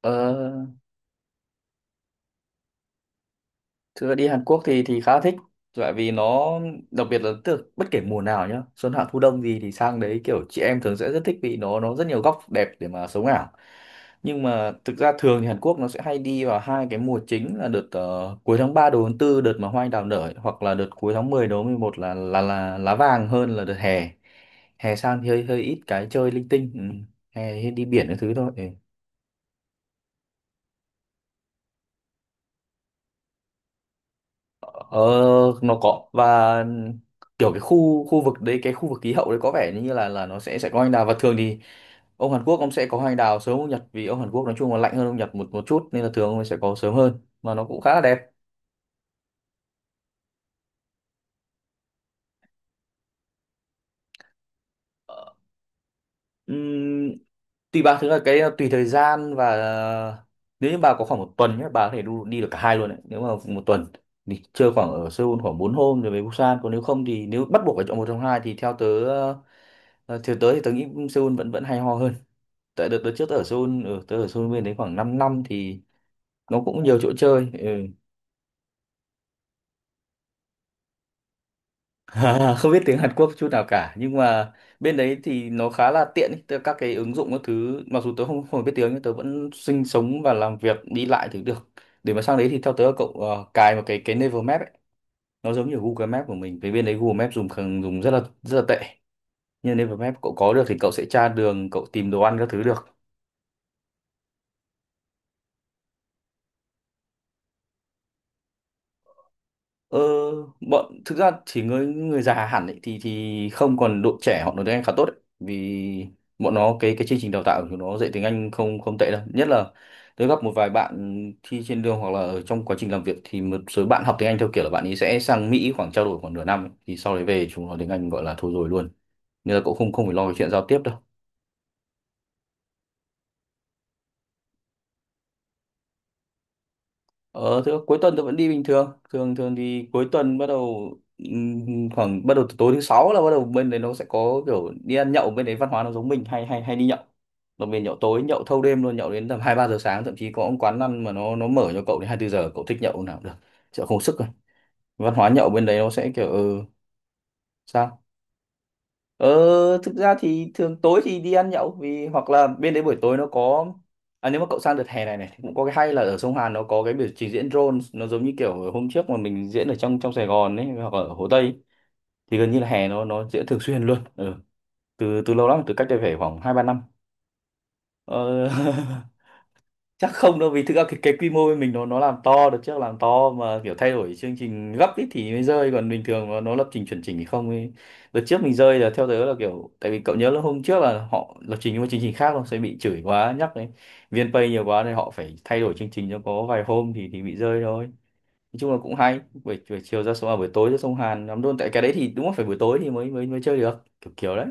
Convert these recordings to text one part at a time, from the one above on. Ờ, thưa đi Hàn Quốc thì khá thích, tại vì nó đặc biệt là tức bất kể mùa nào nhá, xuân hạ thu đông gì thì sang đấy kiểu chị em thường sẽ rất thích vì nó rất nhiều góc đẹp để mà sống ảo. Nhưng mà thực ra thường thì Hàn Quốc nó sẽ hay đi vào hai cái mùa chính là đợt cuối tháng 3 đầu tháng tư, đợt mà hoa anh đào nở ấy, hoặc là đợt cuối tháng 10 đầu tháng 11 là lá vàng, hơn là đợt hè. Hè sang thì hơi hơi ít cái chơi linh tinh. Ừ. Hè đi biển cái thứ thôi. Ừ. Ờ, nó có. Và kiểu cái khu khu vực đấy, cái khu vực khí hậu đấy có vẻ như là nó sẽ có hoa anh đào. Và thường thì ông Hàn Quốc ông sẽ có hoa anh đào sớm hơn Nhật, vì ông Hàn Quốc nói chung là lạnh hơn ông Nhật một một chút, nên là thường ông ấy sẽ có sớm hơn, mà nó cũng khá là đẹp. Ờ, ừm, tùy bà thứ là cái tùy thời gian. Và nếu như bà có khoảng một tuần nhé, bà có thể đi được cả hai luôn đấy. Nếu mà một tuần thì chơi khoảng ở Seoul khoảng 4 hôm rồi về Busan. Còn nếu không thì nếu bắt buộc phải chọn một trong hai thì theo tớ, thì tớ nghĩ Seoul vẫn vẫn hay ho hơn. Tại đợt đợt trước tớ ở Seoul, ừ, tớ ở Seoul bên đấy khoảng 5 năm thì nó cũng nhiều chỗ chơi. Ừ. Không biết tiếng Hàn Quốc chút nào cả, nhưng mà bên đấy thì nó khá là tiện ý. Các cái ứng dụng các thứ mặc dù tớ không không biết tiếng, nhưng tớ vẫn sinh sống và làm việc đi lại thì được. Để mà sang đấy thì theo tớ là cậu cài một cái Naver Map ấy, nó giống như Google Maps của mình. Vì bên đấy Google Maps dùng rất là tệ. Nhưng Naver Map cậu có được thì cậu sẽ tra đường, cậu tìm đồ ăn các thứ được. Ờ, bọn thực ra thì người người già hẳn ấy, thì không, còn đội trẻ họ nói tiếng Anh khá tốt ấy. Vì bọn nó cái chương trình đào tạo của nó dạy tiếng Anh không không tệ đâu, nhất là tôi gặp một vài bạn thi trên đường hoặc là ở trong quá trình làm việc thì một số bạn học tiếng Anh theo kiểu là bạn ấy sẽ sang Mỹ khoảng trao đổi khoảng nửa năm ấy. Thì sau đấy về chúng nó tiếng Anh gọi là thôi rồi luôn, nên là cũng không không phải lo về chuyện giao tiếp đâu. Ờ, thứ cuối tuần tôi vẫn đi bình thường. Thường thường thì cuối tuần bắt đầu khoảng bắt đầu từ tối thứ sáu, là bắt đầu bên đấy nó sẽ có kiểu đi ăn nhậu. Bên đấy văn hóa nó giống mình, hay hay hay đi nhậu. Nó về nhậu tối, nhậu thâu đêm luôn, nhậu đến tầm 2-3 giờ sáng, thậm chí có ông quán ăn mà nó mở cho cậu đến 24 giờ, cậu thích nhậu lúc nào cũng được. Chợ không sức rồi. Văn hóa nhậu bên đấy nó sẽ kiểu, ừ, sao? Ờ, thực ra thì thường tối thì đi ăn nhậu, vì hoặc là bên đấy buổi tối nó có. À, nếu mà cậu sang đợt hè này này thì cũng có cái hay là ở sông Hàn nó có cái biểu trình diễn drone, nó giống như kiểu hôm trước mà mình diễn ở trong trong Sài Gòn ấy, hoặc ở Hồ Tây. Thì gần như là hè nó diễn thường xuyên luôn, ừ, từ từ lâu lắm, từ cách đây phải khoảng 2-3 năm. ờ, Chắc không đâu, vì thực ra cái quy mô bên mình nó làm to được, chắc làm to mà kiểu thay đổi chương trình gấp ít thì mới rơi, còn bình thường nó lập trình chuẩn chỉnh thì không ấy. Đợt trước mình rơi là theo tớ là kiểu tại vì cậu nhớ là hôm trước là họ lập trình một chương trình khác, không sẽ bị chửi quá nhắc đấy, VnPay nhiều quá nên họ phải thay đổi chương trình cho có vài hôm thì bị rơi thôi. Nói chung là cũng hay buổi chiều ra sông, à, buổi tối ra sông Hàn lắm luôn, tại cái đấy thì đúng là phải buổi tối thì mới mới mới chơi được kiểu kiểu đấy.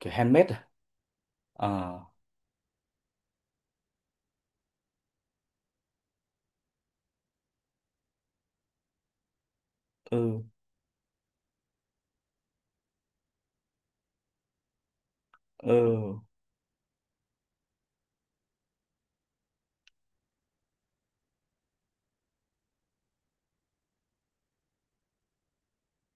Kiểu handmade à? À, ừ, ừ.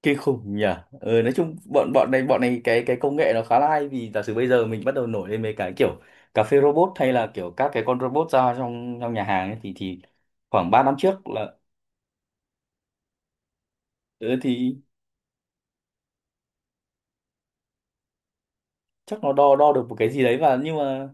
Kinh khủng nhỉ. Nói chung bọn bọn này bọn này, cái công nghệ nó khá là hay, vì giả sử bây giờ mình bắt đầu nổi lên mấy cái kiểu cà phê robot hay là kiểu các cái con robot ra trong trong nhà hàng ấy, thì khoảng 3 năm trước là ờ thì chắc nó đo đo được một cái gì đấy. Và nhưng mà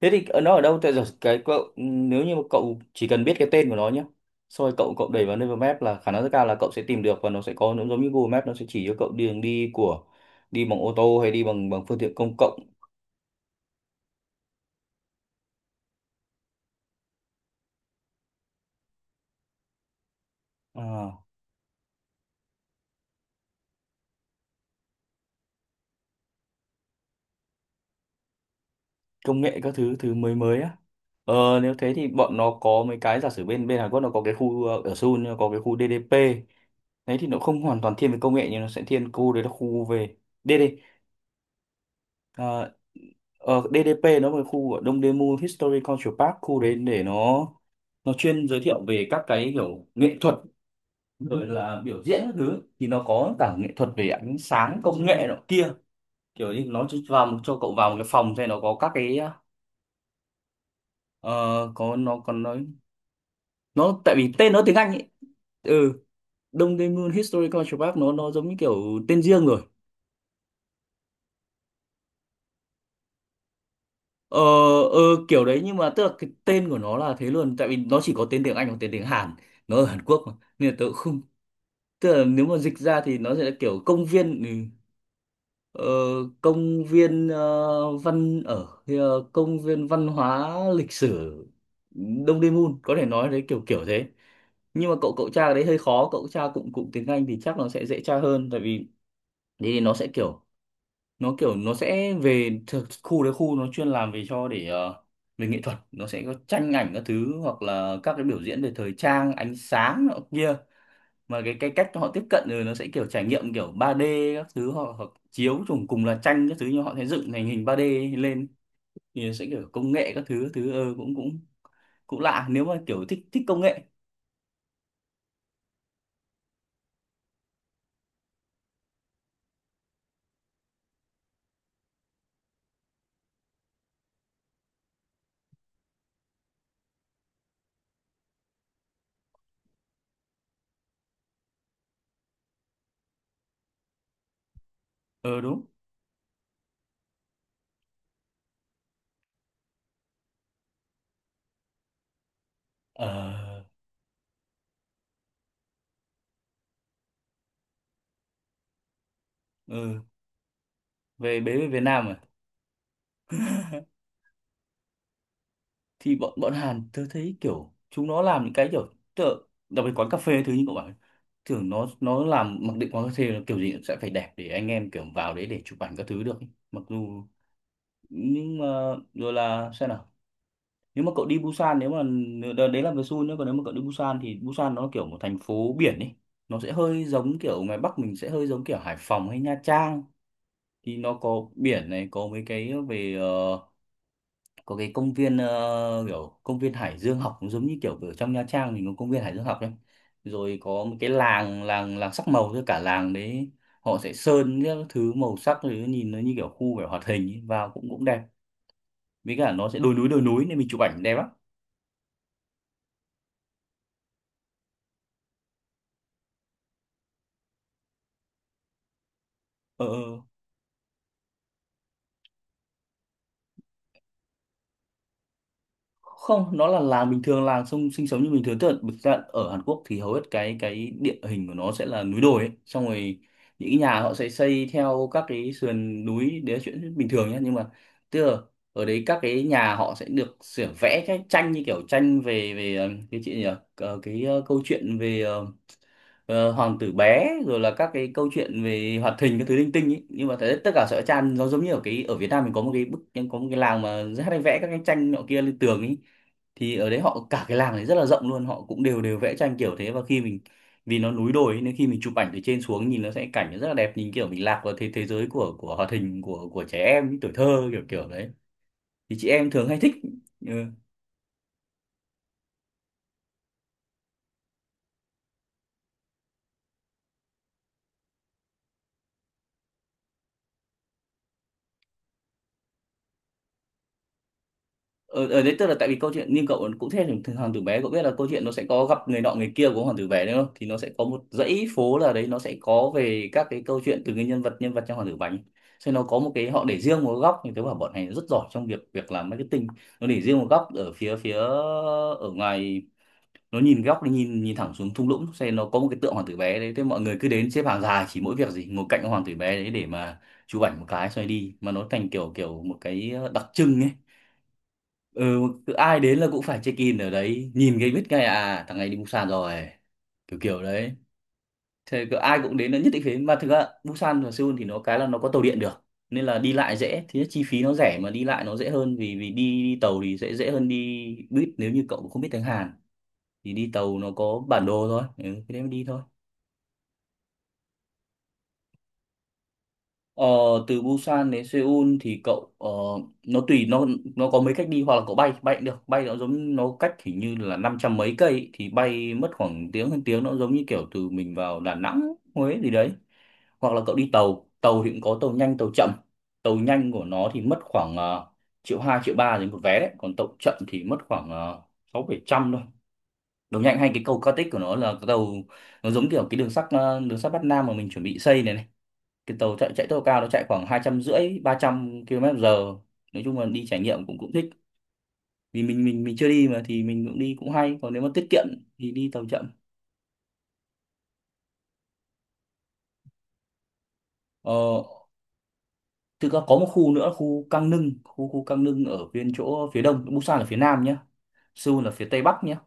thế thì nó ở đâu? Tại giờ cái cậu, ừ, nếu như mà cậu chỉ cần biết cái tên của nó nhé, xong rồi cậu cậu đẩy vào Naver Map là khả năng rất cao là cậu sẽ tìm được, và nó sẽ có, nó giống như Google Maps, nó sẽ chỉ cho cậu đường đi của đi bằng ô tô hay đi bằng bằng phương tiện công cộng. À, công nghệ các thứ thứ mới mới á. Nếu thế thì bọn nó có mấy cái, giả sử bên bên Hàn Quốc nó có cái khu, ở Seoul nó có cái khu DDP. Đấy thì nó không hoàn toàn thiên về công nghệ, nhưng nó sẽ thiên khu đấy là khu về DD, ờ, DDP nó là khu ở Dongdaemun History Cultural Park, khu đấy để nó chuyên giới thiệu về các cái kiểu nghệ thuật, rồi là biểu diễn các thứ, thì nó có cả nghệ thuật về ánh sáng công nghệ nọ kia. Kiểu như nó vào, cho cậu vào một cái phòng xem, nó có các cái ờ, có, nó còn nói nó, tại vì tên nó tiếng Anh ấy. Ừ. Đông Tây Moon Historical Park, nó giống như kiểu tên riêng rồi. Ờ, ờ, kiểu đấy. Nhưng mà tức là cái tên của nó là thế luôn, tại vì nó chỉ có tên tiếng Anh và tên tiếng Hàn, nó ở Hàn Quốc mà, nên là tớ cũng không. Tức là nếu mà dịch ra thì nó sẽ là kiểu công viên, ừ, ờ, công viên, công viên văn hóa lịch sử Đông Daemun, có thể nói đấy kiểu kiểu thế. Nhưng mà cậu cậu tra cái đấy hơi khó, cụm tra cụm cụm tiếng Anh thì chắc nó sẽ dễ tra hơn, tại vì thế thì nó sẽ kiểu, nó kiểu nó sẽ về khu đấy, khu nó chuyên làm về cho để, về nghệ thuật. Nó sẽ có tranh ảnh các thứ, hoặc là các cái biểu diễn về thời trang ánh sáng nọ kia, mà cái cách họ tiếp cận rồi, nó sẽ kiểu trải nghiệm kiểu ba d các thứ, hoặc chiếu trùng cùng là tranh các thứ nhưng họ sẽ dựng thành hình ba d lên, thì nó sẽ kiểu công nghệ các thứ cũng cũng cũng lạ, nếu mà kiểu thích thích công nghệ. Ờ đúng. Ờ, ừ. Về Việt Nam à? Thì bọn bọn Hàn tớ thấy kiểu chúng nó làm những cái kiểu tớ, đặc biệt quán cà phê thứ như cậu bảo, tưởng nó làm mặc định quán cà phê là kiểu gì cũng sẽ phải đẹp để anh em kiểu vào đấy để chụp ảnh các thứ được ấy. Mặc dù nhưng mà, rồi là xem nào. Nếu mà cậu đi Busan, nếu mà đấy là về Seoul nữa, còn nếu mà cậu đi Busan thì Busan nó kiểu một thành phố biển ấy, nó sẽ hơi giống kiểu ngoài Bắc mình, sẽ hơi giống kiểu Hải Phòng hay Nha Trang. Thì nó có biển này, có mấy cái về, có cái công viên, kiểu công viên Hải Dương học, cũng giống như kiểu ở trong Nha Trang mình có công viên Hải Dương học ấy. Rồi có một cái làng làng làng sắc màu, với cả làng đấy họ sẽ sơn các thứ màu sắc, rồi nhìn nó như kiểu khu kiểu hoạt hình ấy, vào cũng cũng đẹp, với cả nó sẽ đồi núi nên mình chụp ảnh đẹp lắm. Ờ, ờ. Không, nó là làng bình thường, làng sông sinh sống như bình thường. Tức là thực ra ở Hàn Quốc thì hầu hết cái địa hình của nó sẽ là núi đồi ấy. Xong rồi những cái nhà họ sẽ xây theo các cái sườn núi, đấy là chuyện bình thường nhé. Nhưng mà tức là ở đấy các cái nhà họ sẽ được sửa vẽ cái tranh như kiểu tranh về về ờ, cái chuyện gì nhỉ? Câu chuyện về hoàng tử bé rồi là các cái câu chuyện về hoạt hình các thứ linh tinh ấy. Nhưng mà thế tất cả sẽ tràn, nó giống như ở cái ở Việt Nam mình có một cái bức, có một cái làng mà rất hay vẽ các cái tranh nọ kia lên tường ấy, thì ở đấy họ cả cái làng đấy rất là rộng luôn, họ cũng đều đều vẽ tranh kiểu thế. Và khi mình, vì nó núi đồi ấy, nên khi mình chụp ảnh từ trên xuống nhìn nó sẽ cảnh nó rất là đẹp, nhìn kiểu mình lạc vào thế thế giới của hoạt hình của trẻ em tuổi thơ kiểu kiểu đấy, thì chị em thường hay thích. Ừ. Ở đấy tức là tại vì câu chuyện, nhưng cậu cũng thế thì hoàng tử bé, cậu biết là câu chuyện nó sẽ có gặp người nọ người kia của hoàng tử bé đúng không, thì nó sẽ có một dãy phố là đấy, nó sẽ có về các cái câu chuyện từ cái nhân vật trong hoàng tử bánh, nên nó có một cái họ để riêng một góc như thế. Bảo bọn này rất giỏi trong việc việc làm marketing. Nó để riêng một góc ở phía phía ở ngoài, nó nhìn góc, nó nhìn nhìn thẳng xuống thung lũng. Cho nên nó có một cái tượng hoàng tử bé đấy, thế mọi người cứ đến xếp hàng dài chỉ mỗi việc gì ngồi cạnh hoàng tử bé đấy để mà chụp ảnh một cái, xoay đi mà nó thành kiểu kiểu một cái đặc trưng ấy. Ừ, cứ ai đến là cũng phải check in ở đấy, nhìn cái biết ngay, à thằng này đi Busan rồi, kiểu kiểu đấy. Thế cứ ai cũng đến là nhất định phải. Mà thực ra Busan và Seoul thì nó cái là nó có tàu điện được, nên là đi lại dễ. Thứ nhất chi phí nó rẻ mà đi lại nó dễ hơn, vì vì đi, đi tàu thì sẽ dễ hơn đi buýt, nếu như cậu không biết tiếng Hàn thì đi tàu nó có bản đồ thôi. Ừ, thế đấy mà đi thôi. Ờ, Từ Busan đến Seoul thì cậu nó tùy nó có mấy cách đi. Hoặc là cậu bay, bay cũng được, bay nó giống nó cách hình như là 500 mấy cây ý, thì bay mất khoảng tiếng hơn tiếng, nó giống như kiểu từ mình vào Đà Nẵng, Huế gì đấy. Hoặc là cậu đi tàu, tàu thì cũng có tàu nhanh tàu chậm. Tàu nhanh của nó thì mất khoảng uh, triệu hai triệu ba đến một vé đấy, còn tàu chậm thì mất khoảng sáu bảy trăm thôi. Tàu nhanh hay cái cầu cao tích của nó là cái tàu, nó giống kiểu cái đường sắt, đường sắt Bắc Nam mà mình chuẩn bị xây này này, cái tàu chạy chạy tốc độ cao, nó chạy khoảng 250 300 km/giờ. Nói chung là đi trải nghiệm cũng cũng thích, vì mình chưa đi mà thì mình cũng đi cũng hay. Còn nếu mà tiết kiệm thì đi tàu chậm. ờ Thực ra có một khu nữa, khu Cang Nưng, khu khu Cang Nưng ở bên chỗ phía đông, Busan là phía nam nhá, Seoul là phía tây bắc nhá.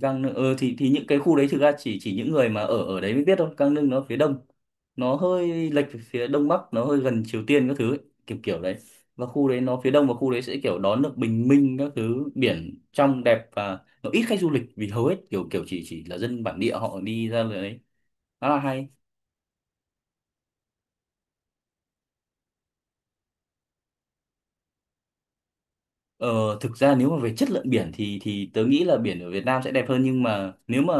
Cang Nưng, thì những cái khu đấy thực ra chỉ những người mà ở ở đấy mới biết thôi. Cang Nưng nó phía đông, nó hơi lệch về phía đông bắc, nó hơi gần Triều Tiên các thứ ấy, kiểu kiểu đấy. Và khu đấy nó phía đông, và khu đấy sẽ kiểu đón được bình minh các thứ, biển trong đẹp và nó ít khách du lịch vì hầu hết kiểu kiểu chỉ là dân bản địa họ đi ra đấy, khá là hay. Ờ, Thực ra nếu mà về chất lượng biển thì tớ nghĩ là biển ở Việt Nam sẽ đẹp hơn. Nhưng mà nếu mà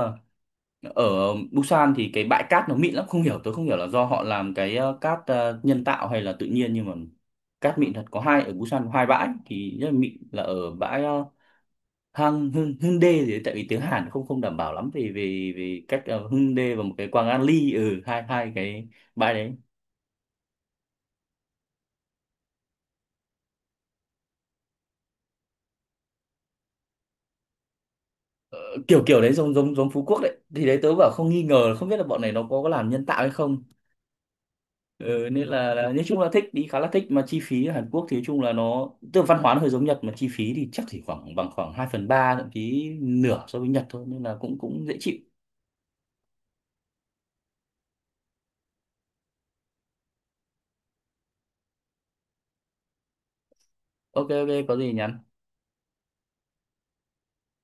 ở Busan thì cái bãi cát nó mịn lắm, không hiểu tôi không hiểu là do họ làm cái cát nhân tạo hay là tự nhiên, nhưng mà cát mịn thật. Có hai, ở Busan có hai bãi thì rất là mịn, là ở bãi hang Hưng Hyundai gì đấy, tại vì tiếng Hàn không không đảm bảo lắm vì vì vì cách ờ, Hyundai và một cái Quang An Ly, ừ hai hai cái bãi đấy. Ờ, kiểu kiểu đấy, giống giống giống Phú Quốc đấy, thì đấy tớ bảo không nghi ngờ không biết là bọn này nó có làm nhân tạo hay không. Ừ, nên là nói chung là thích đi, khá là thích. Mà chi phí ở Hàn Quốc thì nói chung là nó, tức là văn hóa nó hơi giống Nhật mà chi phí thì chắc chỉ khoảng bằng khoảng 2/3 thậm chí nửa so với Nhật thôi, nên là cũng cũng dễ chịu. OK OK, có gì nhắn.